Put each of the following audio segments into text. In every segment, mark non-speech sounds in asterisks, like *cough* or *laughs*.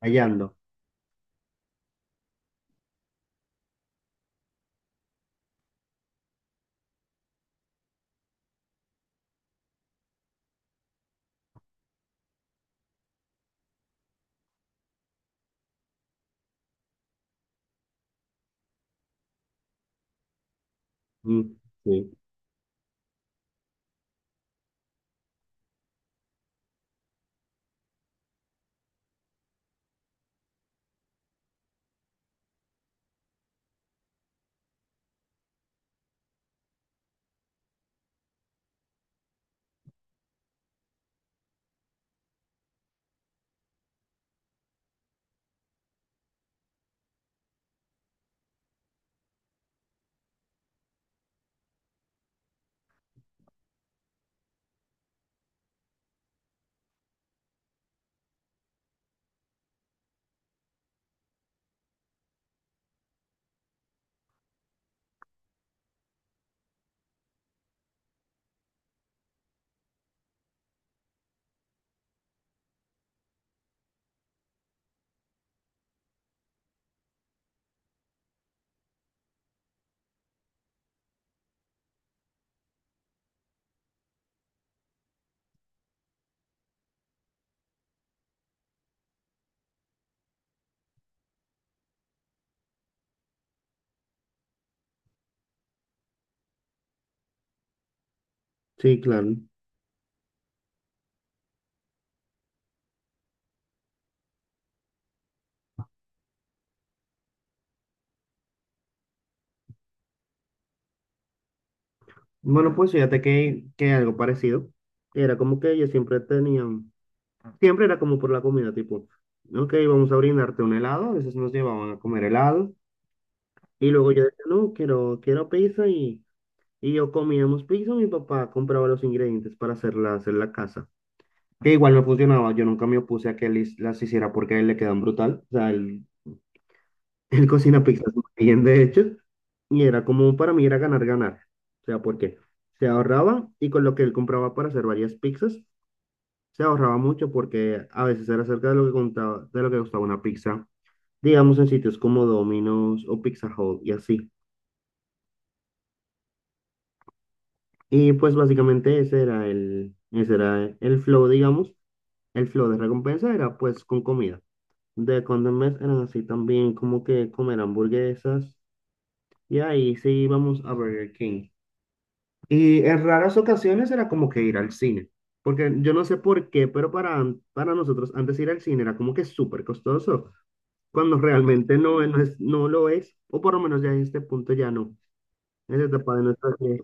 Hallando. Mm, sí, sí, claro. Bueno, pues fíjate que algo parecido. Era como que ellos siempre tenían, siempre era como por la comida, tipo, ok, vamos a brindarte un helado, a veces nos llevaban a comer helado. Y luego yo decía, no, quiero pizza y yo comíamos pizza. Mi papá compraba los ingredientes para hacerla, hacer la casa. Que igual no funcionaba, yo nunca me opuse a que él las hiciera porque a él le quedan brutal. O sea, él el cocina pizzas muy bien, de hecho, y era como para mí era ganar, ganar. O sea, porque se ahorraba, y con lo que él compraba para hacer varias pizzas se ahorraba mucho, porque a veces era cerca de lo que contaba, de lo que costaba una pizza, digamos en sitios como Domino's o Pizza Hut y así. Y pues básicamente ese era el flow, digamos, el flow de recompensa era pues con comida. De cuando en vez eran así también como que comer hamburguesas, y ahí sí íbamos a Burger King. Y en raras ocasiones era como que ir al cine, porque yo no sé por qué, pero para nosotros antes ir al cine era como que súper costoso, cuando realmente no, no es, no lo es, o por lo menos ya en este punto ya no, en esta etapa de nuestra vida.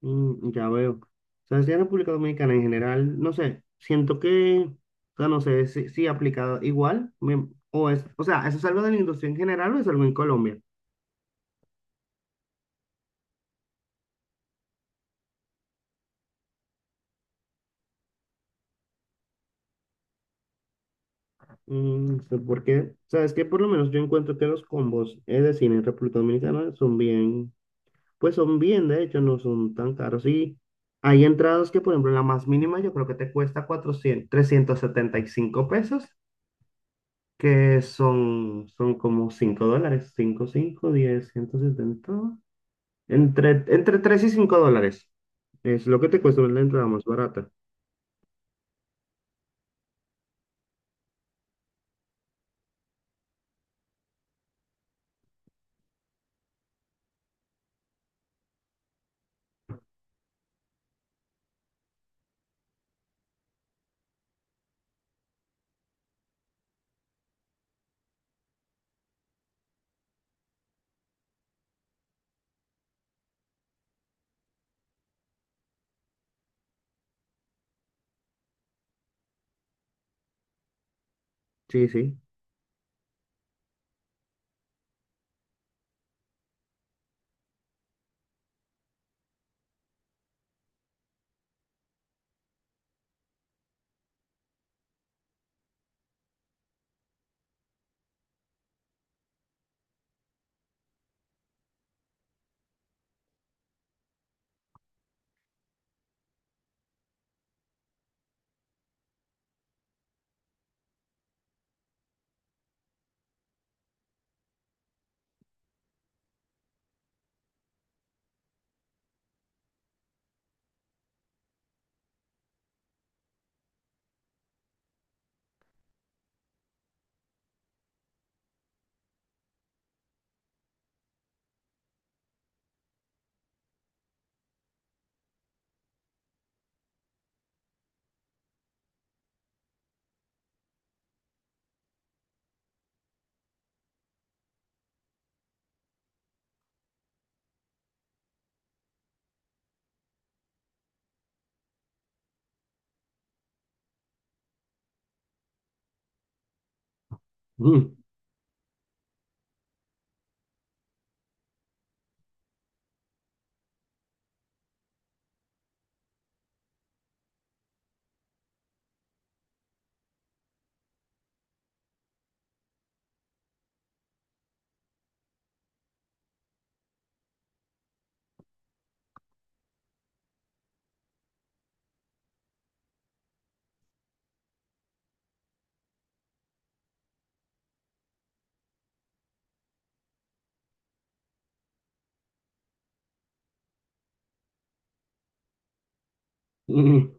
Ya veo. O sea, si en República Dominicana en general, no sé, siento que, o sea, no sé si aplicado igual, o sea, ¿eso es algo de la industria en general o es algo en Colombia? Mm, sé ¿Por Sabes que por lo menos yo encuentro que los combos de cine en República Dominicana son bien, pues son bien, de hecho, no son tan caros. Y hay entradas que, por ejemplo, la más mínima yo creo que te cuesta cuatrocientos trescientos setenta y cinco pesos, que son como $5, cinco cinco diez ciento setenta, entre 3 y 5 dólares. Es lo que te cuesta la entrada más barata. Sí, sí. *laughs* Mm, mm.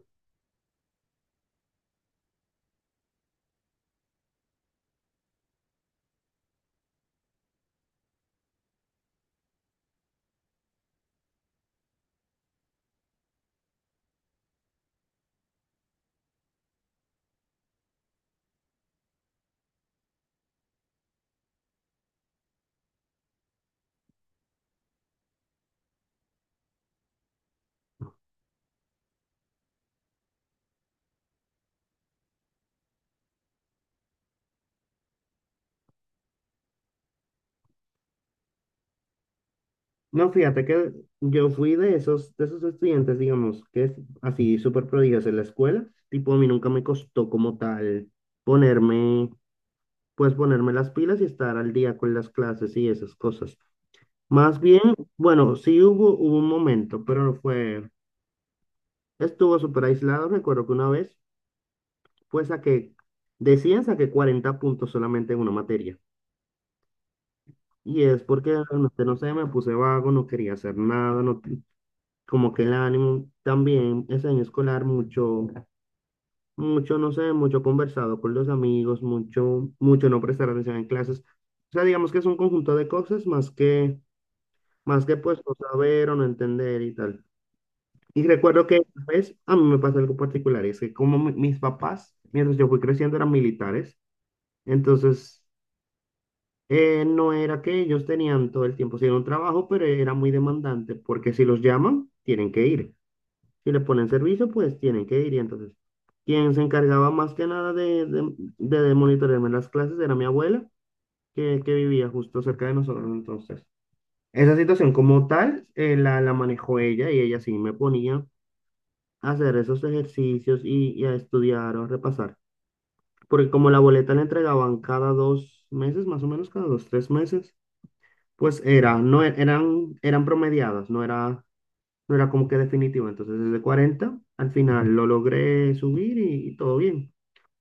No, fíjate que yo fui de esos estudiantes, digamos, que es así súper prodigios en la escuela. Tipo, a mí nunca me costó como tal ponerme, pues ponerme las pilas y estar al día con las clases y esas cosas. Más bien, bueno, sí hubo un momento, pero no fue, estuvo súper aislado. Recuerdo que una vez, pues saqué, decían saqué 40 puntos solamente en una materia. Y es porque realmente, no sé, me puse vago, no quería hacer nada, no, como que el ánimo también ese año escolar mucho mucho, no sé, mucho conversado con los amigos, mucho mucho no prestar atención en clases. O sea, digamos que es un conjunto de cosas, más que pues no saber o no entender y tal. Y recuerdo que pues a mí me pasó algo particular, y es que como mis papás, mientras yo fui creciendo, eran militares. Entonces, no era que ellos tenían todo el tiempo, sí era un trabajo, pero era muy demandante, porque si los llaman, tienen que ir. Si le ponen servicio, pues tienen que ir. Y entonces, quien se encargaba más que nada de monitorearme las clases era mi abuela, que vivía justo cerca de nosotros. Entonces, esa situación como tal, la manejó ella, y ella sí me ponía a hacer esos ejercicios, y a estudiar o a repasar. Porque como la boleta la entregaban cada 2 meses, más o menos cada 2, 3 meses, pues era, no eran promediadas, no era como que definitivo. Entonces, desde 40 al final lo logré subir, y todo bien.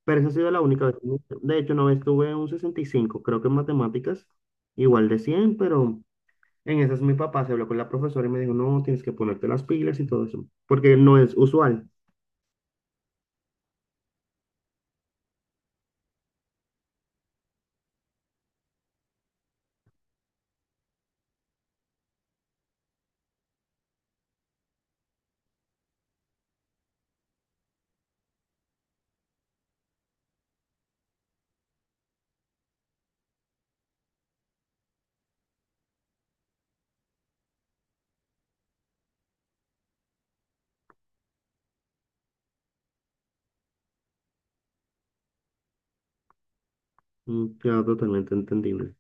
Pero esa ha sido la única vez. De hecho, una vez tuve un 65, creo que en matemáticas, igual de 100, pero en esas mi papá se habló con la profesora y me dijo, no, tienes que ponerte las pilas y todo eso, porque no es usual. Queda totalmente entendible.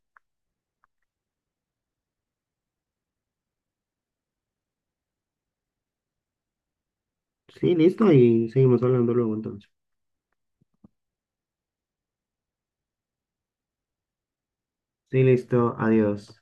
Sí, listo, y seguimos hablando luego entonces. Sí, listo, adiós.